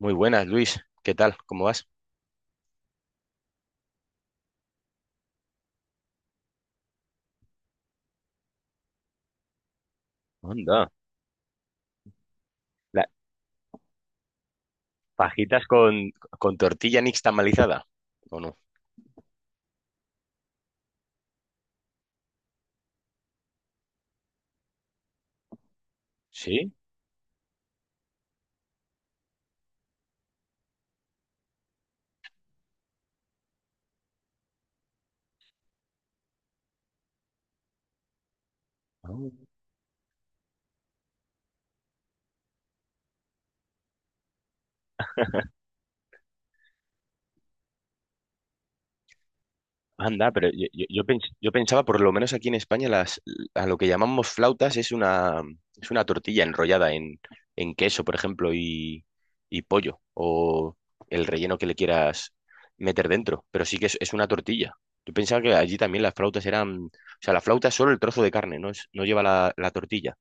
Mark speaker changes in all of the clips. Speaker 1: Muy buenas, Luis. ¿Qué tal? ¿Cómo vas? Anda. La- ¿Fajitas con tortilla nixtamalizada? ¿O no? ¿Sí? Ah. Anda, pero yo pensaba, por lo menos aquí en España, a lo que llamamos flautas es una tortilla enrollada en queso, por ejemplo, y pollo, o el relleno que le quieras meter dentro, pero sí que es una tortilla. Yo pensaba que allí también las flautas eran, o sea, la flauta es solo el trozo de carne, no, no lleva la tortilla.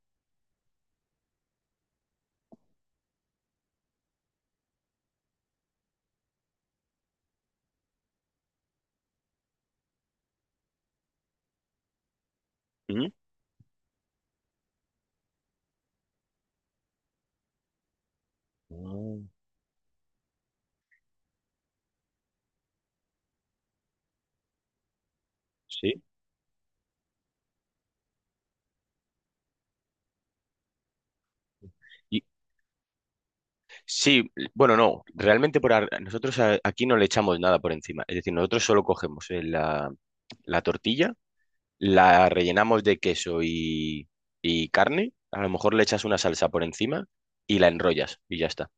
Speaker 1: ¿Mm? Ah. Sí. Y, sí, bueno, no, realmente aquí no le echamos nada por encima. Es decir, nosotros solo cogemos la tortilla, la rellenamos de queso y carne, a lo mejor le echas una salsa por encima y la enrollas y ya está.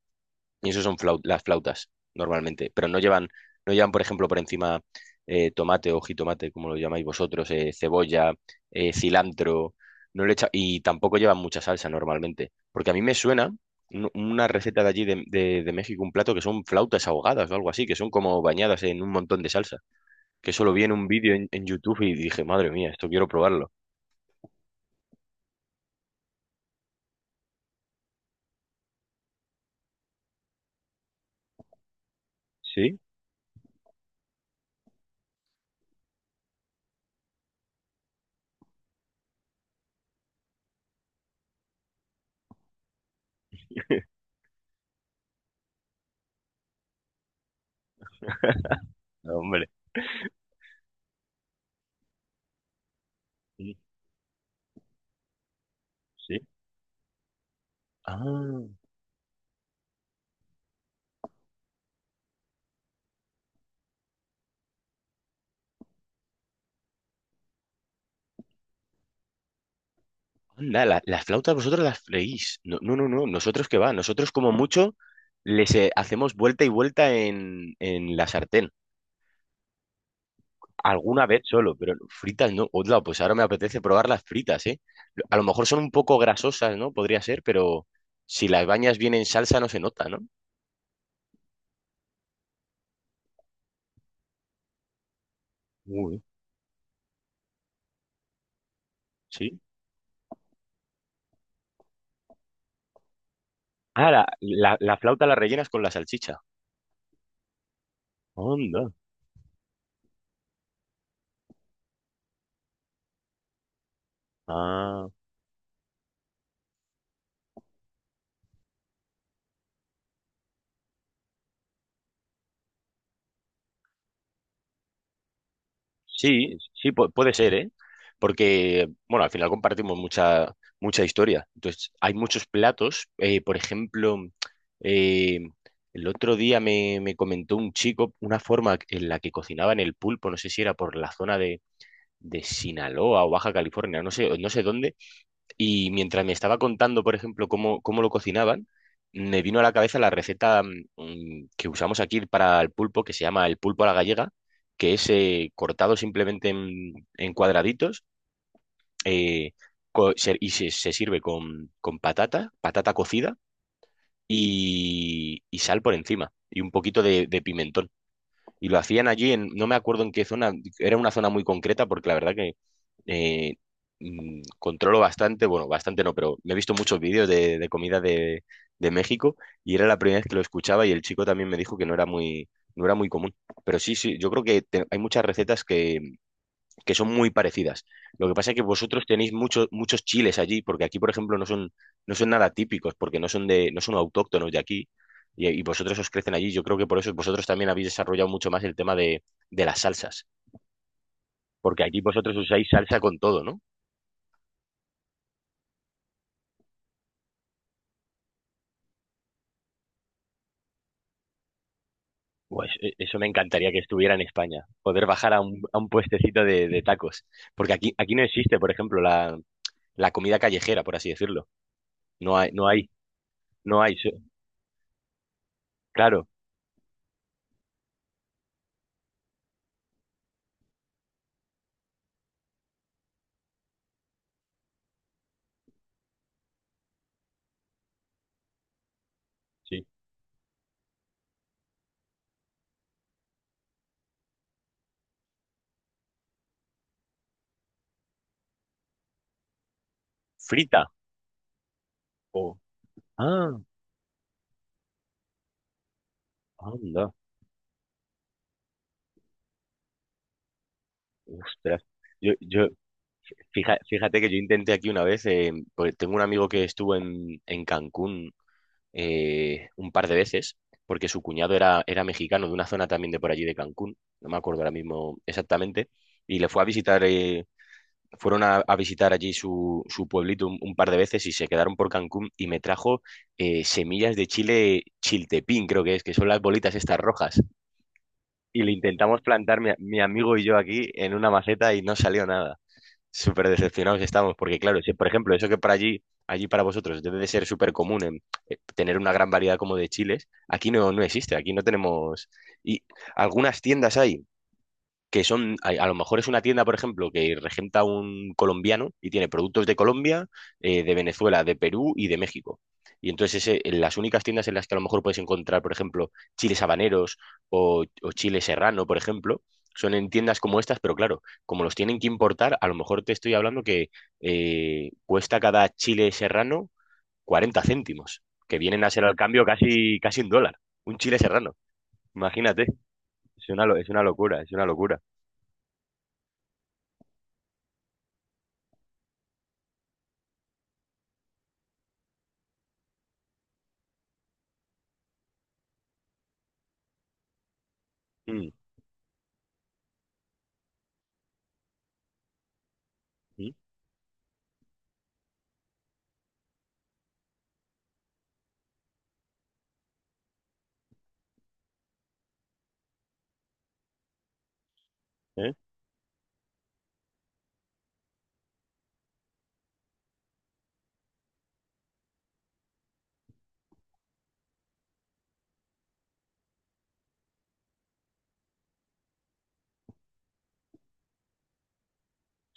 Speaker 1: Y eso son las flautas, normalmente. Pero no llevan, por ejemplo, por encima, tomate o jitomate, como lo llamáis vosotros, cebolla, cilantro. Y tampoco llevan mucha salsa normalmente. Porque a mí me suena una receta de allí de México, un plato que son flautas ahogadas o algo así, que son como bañadas en un montón de salsa. Que solo vi en un vídeo en YouTube y dije, madre mía, esto quiero probarlo. ¿Sí? Hombre. Sí. Sí. Ah. Anda, las flautas vosotros las freís. No, no, no, no. Nosotros qué va. Nosotros como mucho les hacemos vuelta y vuelta en la sartén. Alguna vez solo, pero fritas no. Hola, pues ahora me apetece probar las fritas, ¿eh? A lo mejor son un poco grasosas, ¿no? Podría ser, pero si las bañas bien en salsa no se nota, ¿no? Uy, sí. Ah, la flauta la rellenas con la salchicha. Onda. Ah. Sí, sí, puede ser, ¿eh? Porque, bueno, al final compartimos mucha, mucha historia. Entonces, hay muchos platos. Por ejemplo, eh, el otro día me comentó un chico una forma en la que cocinaban el pulpo, no sé si era por la zona de Sinaloa o Baja California, no sé, no sé dónde, y mientras me estaba contando, por ejemplo, cómo lo cocinaban, me vino a la cabeza la receta que usamos aquí para el pulpo, que se llama el pulpo a la gallega, que es cortado simplemente en cuadraditos, eh, se sirve con patata, patata cocida y sal por encima y un poquito de pimentón. Y lo hacían allí en, no me acuerdo en qué zona, era una zona muy concreta porque la verdad que eh, controlo bastante, bueno, bastante no, pero me he visto muchos vídeos de comida de México y era la primera vez que lo escuchaba y el chico también me dijo que no era muy común. Pero sí, sí, yo creo que hay muchas recetas que son muy parecidas. Lo que pasa es que vosotros tenéis muchos muchos chiles allí, porque aquí, por ejemplo, no son nada típicos, porque no son autóctonos de aquí, y vosotros os crecen allí. Yo creo que por eso vosotros también habéis desarrollado mucho más el tema de las salsas, porque aquí vosotros usáis salsa con todo, ¿no? Pues eso me encantaría que estuviera en España, poder bajar a un puestecito de tacos, porque aquí, aquí no existe, por ejemplo, la comida callejera, por así decirlo. No hay, no hay, no hay, claro, sí. Frita. O... Ah. Anda, ostras. Yo, fíjate que yo intenté aquí una vez, porque tengo un amigo que estuvo en Cancún un par de veces, porque su cuñado era mexicano de una zona también de por allí de Cancún, no me acuerdo ahora mismo exactamente, y le fue a visitar, fueron a visitar allí su pueblito un par de veces y se quedaron por Cancún y me trajo semillas de chile chiltepín, creo que es, que son las bolitas estas rojas. Y le intentamos plantar mi amigo y yo aquí en una maceta y no salió nada. Súper decepcionados estamos, porque claro, si, por ejemplo, eso que para allí, allí para vosotros debe de ser súper común en, tener una gran variedad como de chiles, aquí no existe, aquí no tenemos... Y algunas tiendas hay que son, a lo mejor es una tienda, por ejemplo, que regenta un colombiano y tiene productos de Colombia, de Venezuela, de Perú y de México. Y entonces en las únicas tiendas en las que a lo mejor puedes encontrar, por ejemplo, chiles habaneros o chile serrano, por ejemplo, son en tiendas como estas, pero claro, como los tienen que importar, a lo mejor te estoy hablando que cuesta cada chile serrano 40 céntimos, que vienen a ser al cambio casi, casi un dólar, un chile serrano. Imagínate, es una locura, es una locura. Mm. ¿Eh?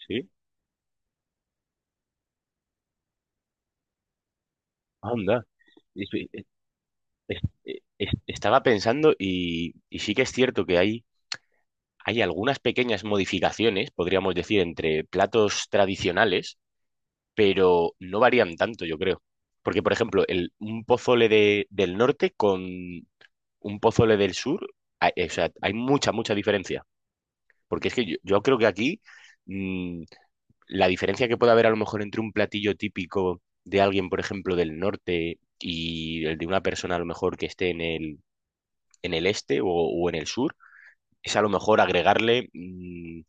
Speaker 1: Sí, anda. Es- es- es- Estaba pensando y sí que es cierto que hay algunas pequeñas modificaciones, podríamos decir, entre platos tradicionales, pero no varían tanto, yo creo. Porque, por ejemplo, el, un pozole del norte con un pozole del sur, hay, o sea, hay mucha, mucha diferencia. Porque es que yo creo que aquí, mm, la diferencia que puede haber a lo mejor entre un platillo típico de alguien, por ejemplo, del norte y el de una persona a lo mejor que esté en el este o en el sur, es a lo mejor agregarle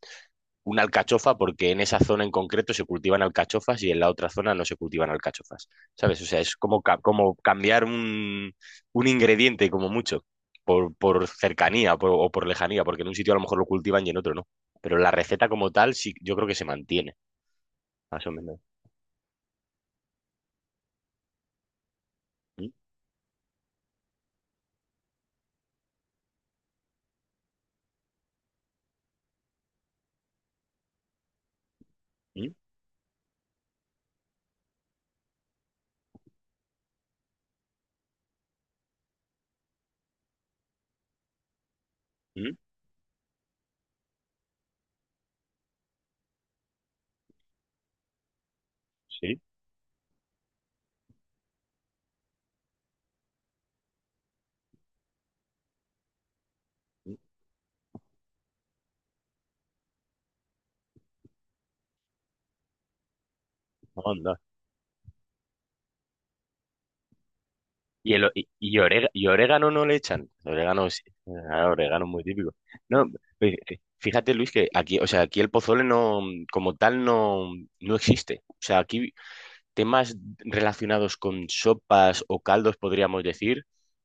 Speaker 1: una alcachofa porque en esa zona en concreto se cultivan alcachofas y en la otra zona no se cultivan alcachofas, ¿sabes? O sea, es como, como cambiar un ingrediente como mucho. Por cercanía o por lejanía, porque en un sitio a lo mejor lo cultivan y en otro no. Pero la receta como tal, sí, yo creo que se mantiene, más o menos. ¿Mm? ¿Mm? Mm. Sí. Mm. Anda. Y, el, o- y orega- y orégano no le echan. Orégano sí. Ah, orégano es muy típico. No, fíjate, Luis, que aquí, o sea, aquí el pozole como tal, no existe. O sea, aquí temas relacionados con sopas o caldos, podríamos decir,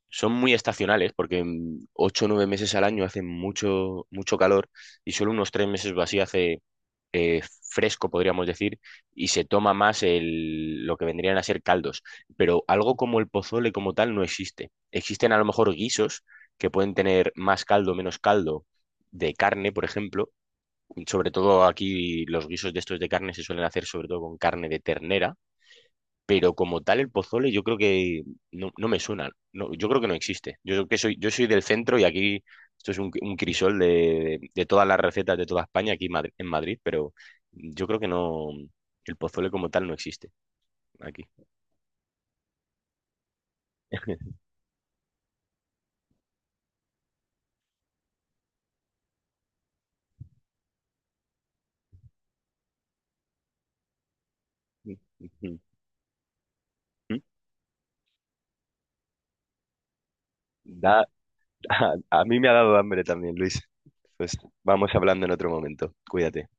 Speaker 1: son muy estacionales, porque 8 o 9 meses al año hace mucho, mucho calor y solo unos 3 meses o así hace. Eh, fresco, podríamos decir, y se toma más el, lo que vendrían a ser caldos. Pero algo como el pozole como tal no existe. Existen a lo mejor guisos que pueden tener más caldo, menos caldo de carne, por ejemplo. Sobre todo aquí los guisos de estos de carne se suelen hacer sobre todo con carne de ternera, pero como tal el pozole yo creo que no me suena. No, yo creo que no existe. Yo creo que soy, yo soy del centro y aquí esto es un crisol de todas las recetas de toda España aquí en Madrid, pero yo creo que no, el pozole como tal no existe aquí. Ujú. Da- a mí me ha dado hambre también, Luis. Pues vamos hablando en otro momento. Cuídate.